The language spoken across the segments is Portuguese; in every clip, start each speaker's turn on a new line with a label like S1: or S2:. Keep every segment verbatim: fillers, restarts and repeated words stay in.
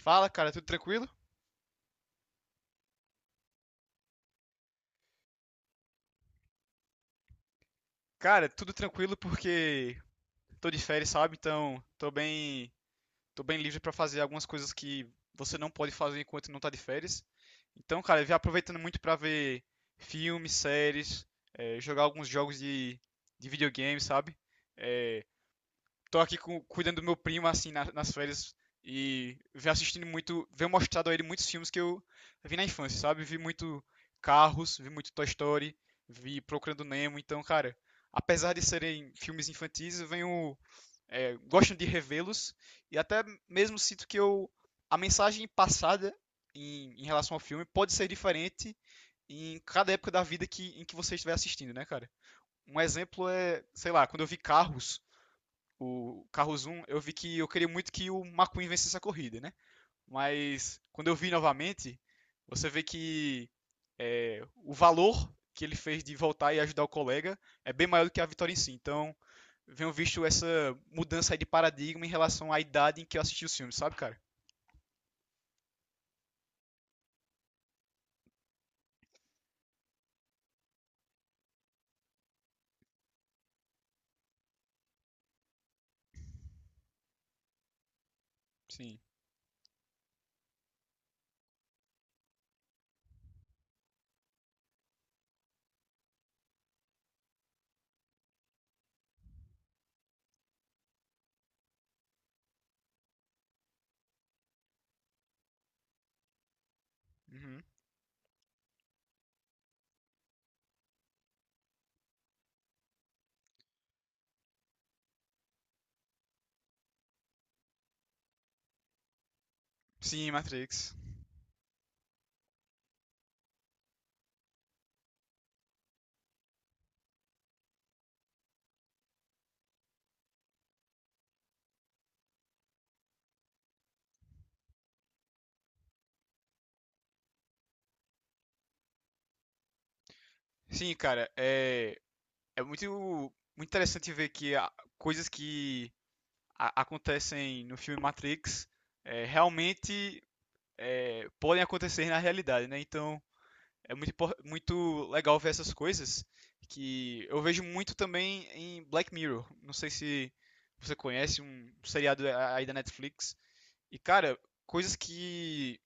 S1: Fala, cara, tudo tranquilo? Cara, tudo tranquilo porque tô de férias, sabe? Então, tô bem, tô bem livre pra fazer algumas coisas que você não pode fazer enquanto não tá de férias. Então, cara, eu vim aproveitando muito pra ver filmes, séries, eh, jogar alguns jogos de, de videogame, sabe? Eh, Tô aqui com- cuidando do meu primo, assim, na- nas férias. E venho assistindo muito, venho mostrado a ele muitos filmes que eu vi na infância, sabe? Vi muito Carros, vi muito Toy Story, vi Procurando Nemo. Então, cara, apesar de serem filmes infantis, eu venho, é, gosto de revê-los. E até mesmo sinto que eu, a mensagem passada em, em relação ao filme pode ser diferente em cada época da vida que, em que você estiver assistindo, né, cara? Um exemplo é, sei lá, quando eu vi Carros, o Carros um eu vi que eu queria muito que o McQueen vencesse a corrida, né? Mas quando eu vi novamente, você vê que é, o valor que ele fez de voltar e ajudar o colega é bem maior do que a vitória em si. Então, venho visto essa mudança aí de paradigma em relação à idade em que eu assisti os filmes, sabe, cara? Sim. Uhum. Sim, Matrix. Sim, cara, é, é muito, muito interessante ver que a- coisas que a- acontecem no filme Matrix, é, realmente é, podem acontecer na realidade, né? Então é muito, impor- muito legal ver essas coisas que eu vejo muito também em Black Mirror. Não sei se você conhece um seriado aí da Netflix. E cara, coisas que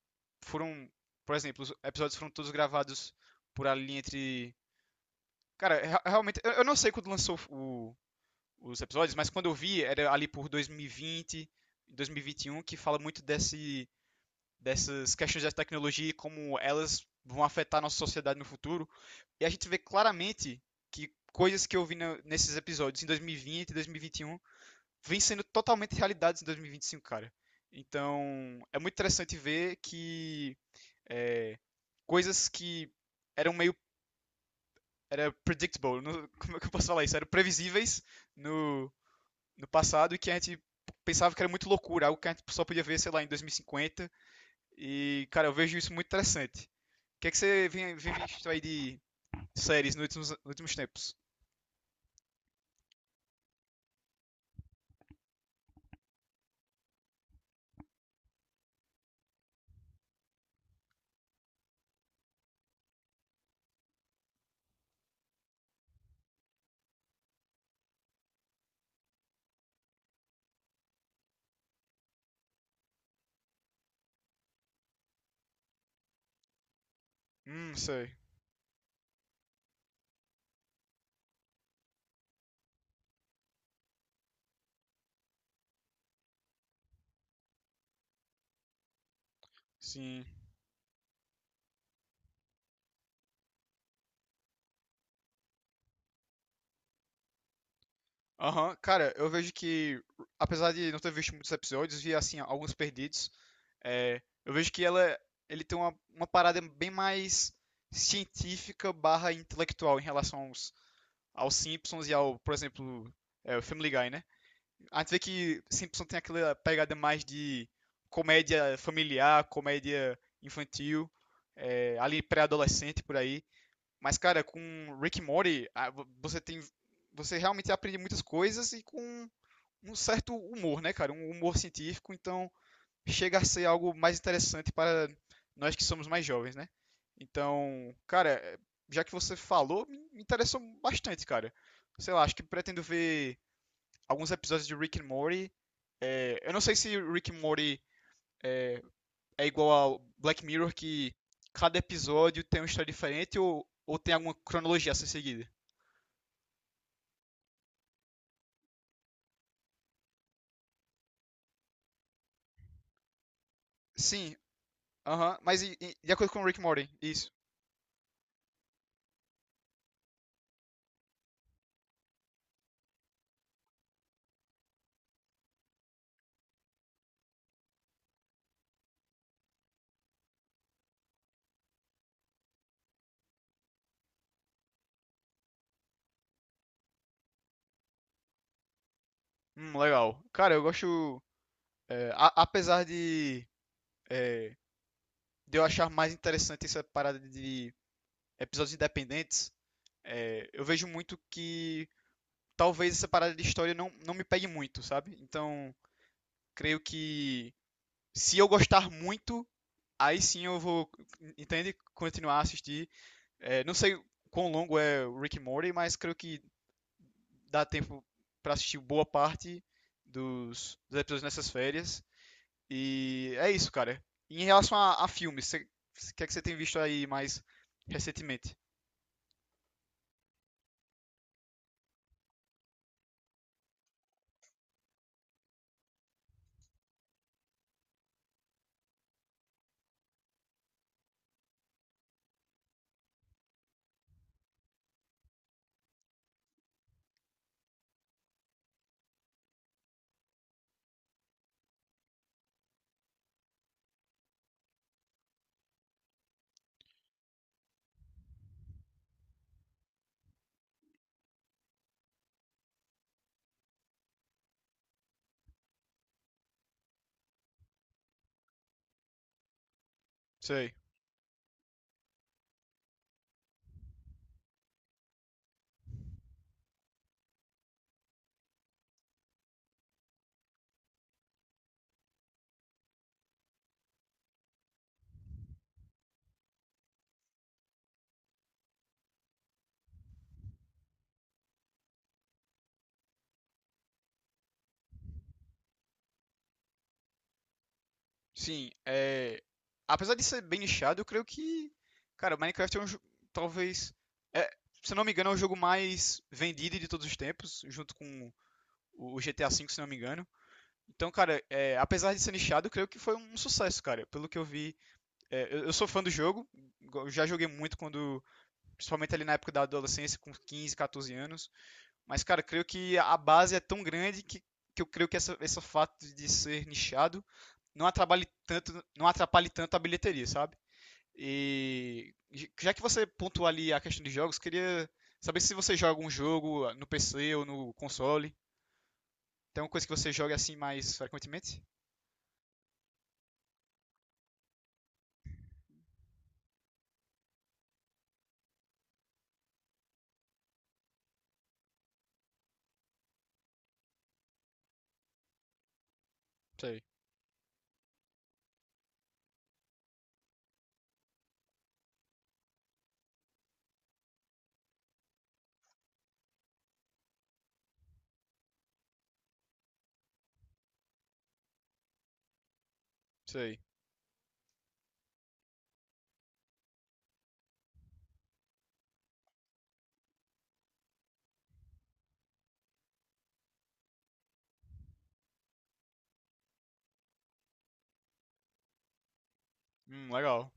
S1: foram, por exemplo, os episódios foram todos gravados por ali entre, cara, rea- realmente eu eu não sei quando lançou o- os episódios, mas quando eu vi era ali por dois mil e vinte, dois mil e vinte e um que fala muito desse dessas questões da tecnologia e como elas vão afetar a nossa sociedade no futuro. E a gente vê claramente que coisas que eu vi na- nesses episódios em dois mil e vinte e dois mil e vinte e um vêm sendo totalmente realidades em dois mil e vinte e cinco, cara. Então, é muito interessante ver que é, coisas que eram meio era predictable, não- como é que eu posso falar isso? Eram previsíveis no, no passado e que a gente pensava que era muito loucura, algo que a gente só podia ver, sei lá, em dois mil e cinquenta e, cara, eu vejo isso muito interessante. O que é que você vem, vem visto aí de séries nos últimos, nos últimos tempos? Hum, sei. Sim. Aham, cara, eu vejo que, apesar de não ter visto muitos episódios, vi, assim, alguns perdidos. É, eu vejo que ela, ele tem uma, uma parada bem mais científica barra intelectual em relação aos, aos Simpsons e ao, por exemplo, é, o Family Guy, né? A gente vê que Simpson tem aquela pegada mais de comédia familiar, comédia infantil, é, ali pré-adolescente por aí. Mas, cara, com Rick and Morty, a- vo- você tem. Você realmente aprende muitas coisas e com um certo humor, né, cara? Um humor científico, então chega a ser algo mais interessante para nós que somos mais jovens, né? Então, cara, é, já que você falou, me me interessou bastante, cara. Sei lá, acho que pretendo ver alguns episódios de Rick and Morty. É, eu não sei se Rick and Morty é, é igual ao Black Mirror, que cada episódio tem uma história diferente ou, ou tem alguma cronologia a ser seguida. Sim, aham, mas e- e- de acordo com Rick and Morty, isso. Hum, legal. Cara, eu gosto. É, a- apesar de, é, de eu achar mais interessante essa parada de episódios independentes, é, eu vejo muito que talvez essa parada de história não, não me pegue muito, sabe? Então, creio que se eu gostar muito, aí sim eu vou, entende? Continuar a assistir. É, não sei quão longo é o Rick and Morty, mas creio que dá tempo para assistir boa parte dos, dos, episódios nessas férias. E é isso, cara. Em relação a, a filmes, cê- cê- o que é que você tem visto aí mais recentemente? Sei. Sim, é... apesar de ser bem nichado, eu creio que, cara, Minecraft é um jogo, talvez, é, se eu não me engano, é o jogo mais vendido de todos os tempos, junto com o G T A V, se não me engano. Então, cara, é, apesar de ser nichado, eu creio que foi um sucesso, cara. Pelo que eu vi, é, eu, eu sou fã do jogo, go- já joguei muito quando, principalmente ali na época da adolescência, com quinze, quatorze anos. Mas, cara, eu creio que a base é tão grande que, que eu creio que essa, esse fato de ser nichado não atrapalhe tanto, não atrapalhe tanto a bilheteria, sabe? E já que você pontuou ali a questão de jogos, queria saber se você joga um jogo ah, no P C ou no console. Tem uma coisa que você joga assim mais frequentemente? Sei, sei. Hum, legal.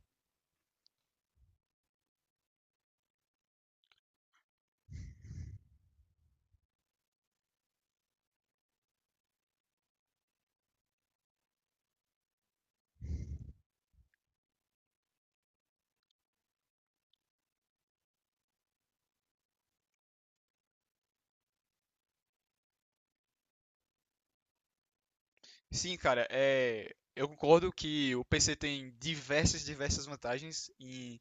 S1: Sim, cara, é, eu concordo que o P C tem diversas, diversas vantagens em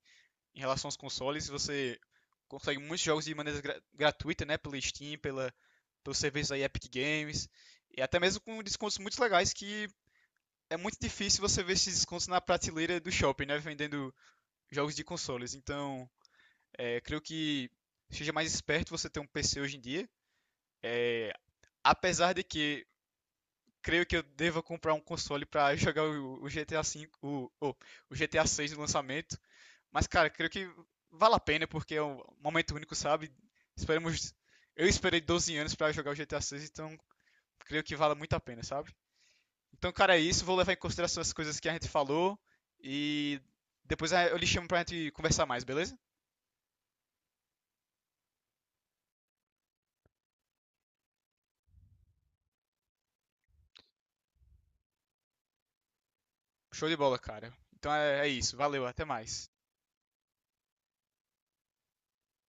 S1: em relação aos consoles, você consegue muitos jogos de maneira gra- gratuita, né? Pela Steam, pela, pelo serviço da Epic Games. E até mesmo com descontos muito legais que é muito difícil você ver esses descontos na prateleira do shopping, né? Vendendo jogos de consoles. Então, é, creio que seja mais esperto você ter um P C hoje em dia. É, apesar de que creio que eu deva comprar um console para jogar o, o G T A V, o, o, o G T A seis no lançamento. Mas, cara, creio que vale a pena porque é um momento único, sabe? Esperemos. Eu esperei doze anos para jogar o G T A seis, então creio que vale muito a pena, sabe? Então, cara, é isso. Vou levar em consideração as coisas que a gente falou e depois eh, eu lhe chamo pra gente conversar mais, beleza? Show de bola, cara. Então é, é isso. Valeu, até mais.